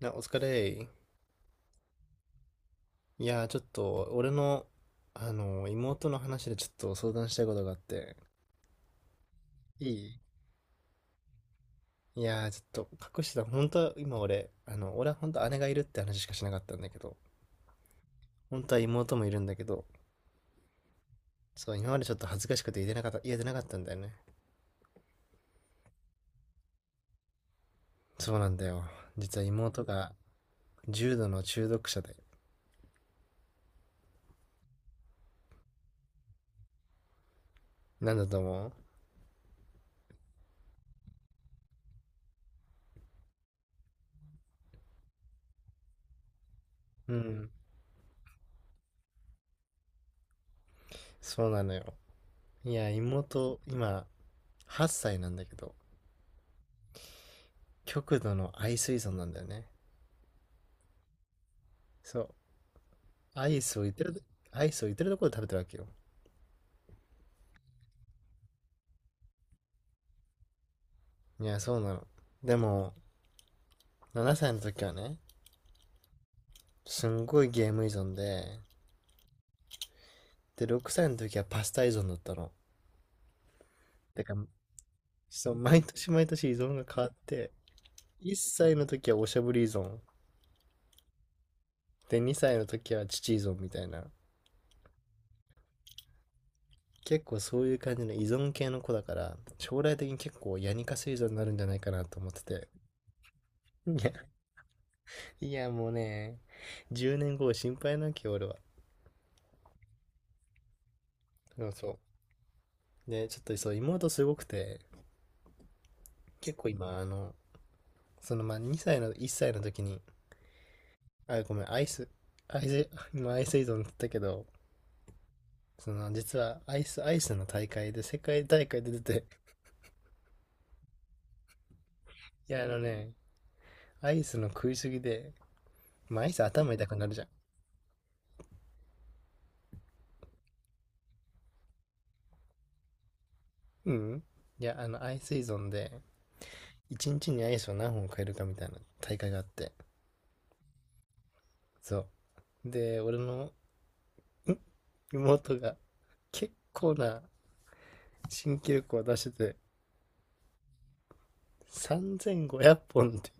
な、お疲れ。いやー、ちょっと、俺の、あのー、妹の話でちょっと相談したいことがあって。いいいやー、ちょっと、隠してた。本当は、今俺、あの、俺は本当姉がいるって話しかしなかったんだけど、本当は妹もいるんだけど、そう、今までちょっと恥ずかしくて言えてなかったんだよね。そうなんだよ。実は妹が、重度の中毒者で。なんだと思う？うん、そうなのよ。いや、妹、今、8歳なんだけど、極度の愛水槽なんだよね。そう、アイスを言ってる、アイスを言ってるところで食べてるわけよ。いや、そうなの。でも、7歳の時はね、すんごいゲーム依存で、6歳の時はパスタ依存だったの。だから、そう、毎年毎年依存が変わって、1歳の時はおしゃぶり依存、で、2歳の時は父依存みたいな。結構そういう感じの依存系の子だから、将来的に結構ヤニカス依存になるんじゃないかなと思ってて。いや、いやもうね、10年後心配なきゃ俺は。でもそう。で、ちょっとそう、妹すごくて、結構今、そのまあ2歳の、1歳の時に、あ、ごめん、アイス、アイス、今アイス依存って言ったけど、その実はアイスの大会で、世界大会で出て、いや、あのね、アイスの食いすぎで、まあアイス頭痛くなるじゃん。うん。いや、アイス依存で、1日にアイスを何本買えるかみたいな大会があって、そう。で、俺の、ん妹が、結構な新記録を出してて、3500本って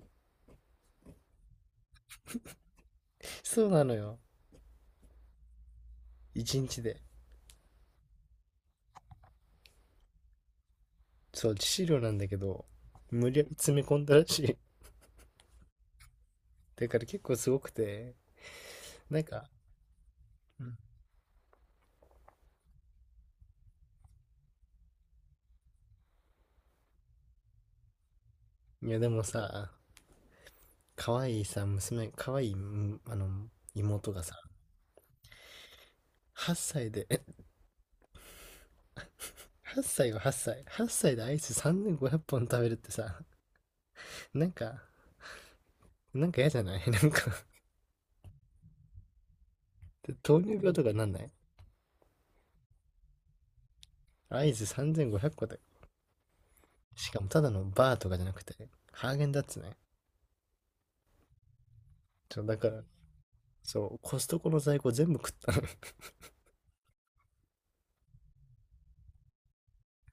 そうなのよ。1日で。そう、致死量なんだけど、無理やり詰め込んだらしい。だから結構すごくて、なんか、うん、いやでもさ、可愛いさ、娘、可愛い、妹がさ、8歳で、8歳よ、8歳。8歳でアイス3500本食べるってさ、なんか、なんか嫌じゃない？ なんか、糖尿病とかなんない？アイス3500個で。しかもただのバーとかじゃなくて、ハーゲンダッツね。だから、そう、コストコの在庫全部食ったの。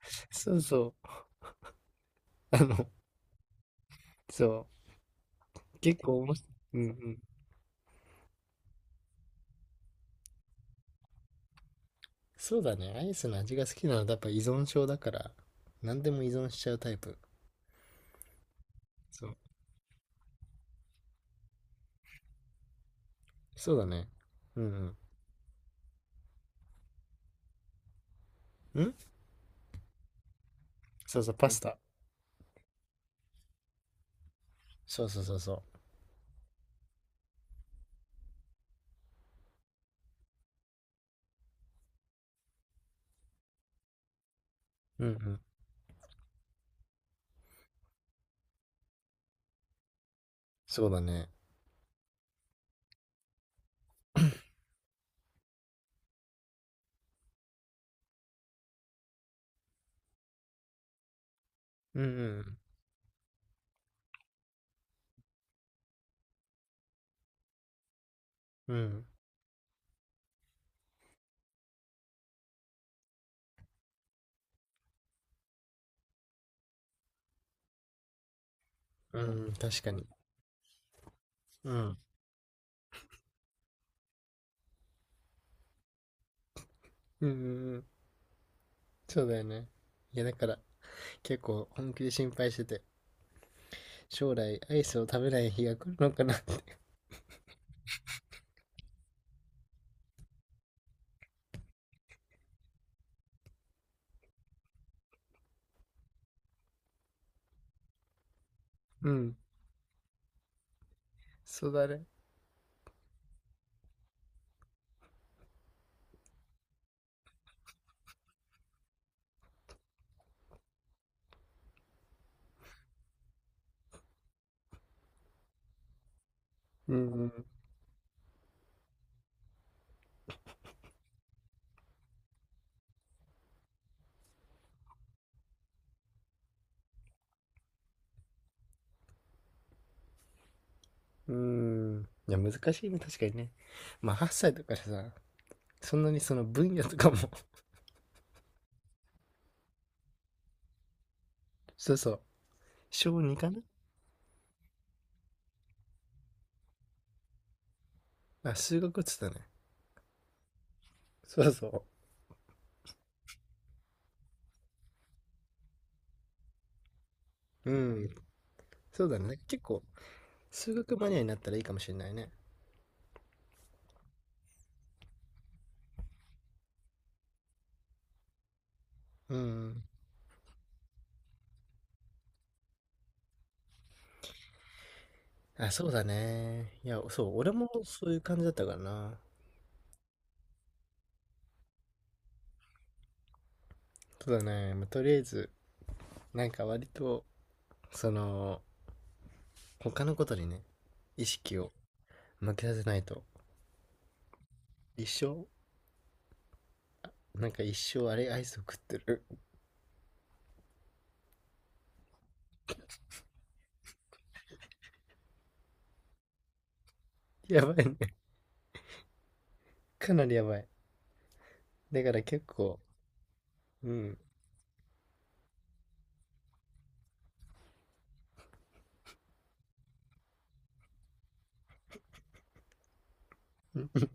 そうそう。あの、そう。結構面白い。うんうん。そうだね。アイスの味が好きなのはやっぱ依存症だから、何でも依存しちゃうタイプ。そう。そうだね。うんうん。そうそう、パスタ。そうそうそうそう。うんうん。そうだね。うんうん。うん。うん、確かに。うん。うんうんうん。そうだよね。いや、だから、結構本気で心配してて、将来アイスを食べない日が来るのかなって。うん。そうだね。うん、うん、うん。いや、難しいね、確かにね。まあ、8歳だからさ、そんなにその分野とかも。 そうそう、小2かな。あ、数学っつったね。そうそう。うん、そうだね。結構、数学マニアになったらいいかもしれないね。うん。あ、そうだね。いや、そう、俺もそういう感じだったからな。そうだね。まあ、とりあえず、なんか割と、その、他のことにね、意識を向けさせないと、一生、なんか一生あれアイスを食ってる。やばいね。かなりやばい。だから結構、うん。うん、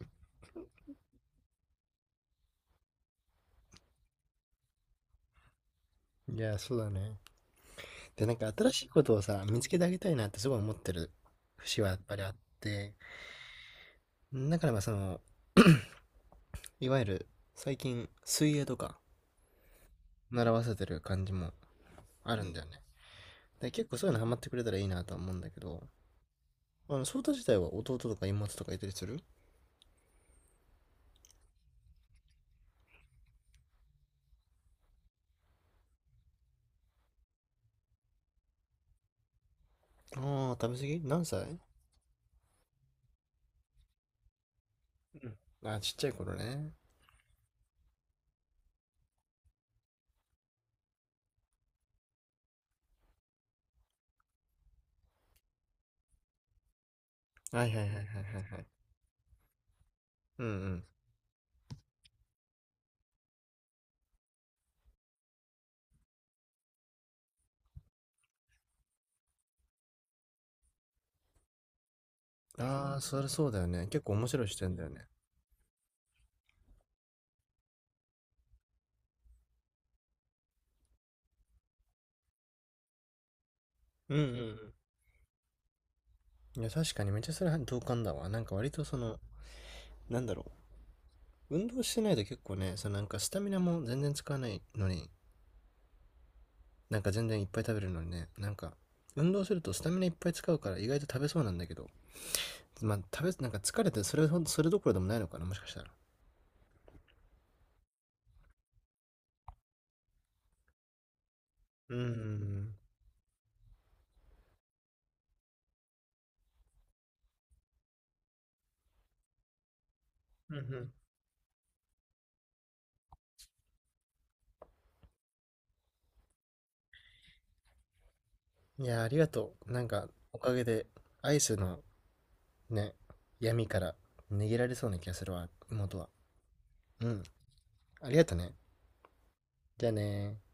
いや、そうだね。で、なんか新しいことをさ、見つけてあげたいなってすごい思ってる節はやっぱりあって、だからまあその、いわゆる最近水泳とか習わせてる感じもあるんだよね。で、結構そういうのハマってくれたらいいなとは思うんだけど、ソータ自体は弟とか妹とかいたりする？ああー、食べ過ぎ何歳？うん。あー、ちっちゃい頃ね。はいはいはいはいはいはい。うんうん。ああ、それそうだよね。結構面白い視点だよね。うんうんうん。いや、確かにめっちゃそれは同感だわ。なんか割となんだろう、運動してないと結構ね、そのなんかスタミナも全然使わないのに、なんか全然いっぱい食べるのにね、なんか、運動するとスタミナいっぱい使うから意外と食べそうなんだけど、まあなんか疲れてそれほど、それどころでもないのかな、もしかしたら。うんうんうん。うんうん。いや、ありがとう。なんか、おかげで、アイスのね、闇から逃げられそうな気がするわ、妹は。うん。ありがとね。じゃあねー。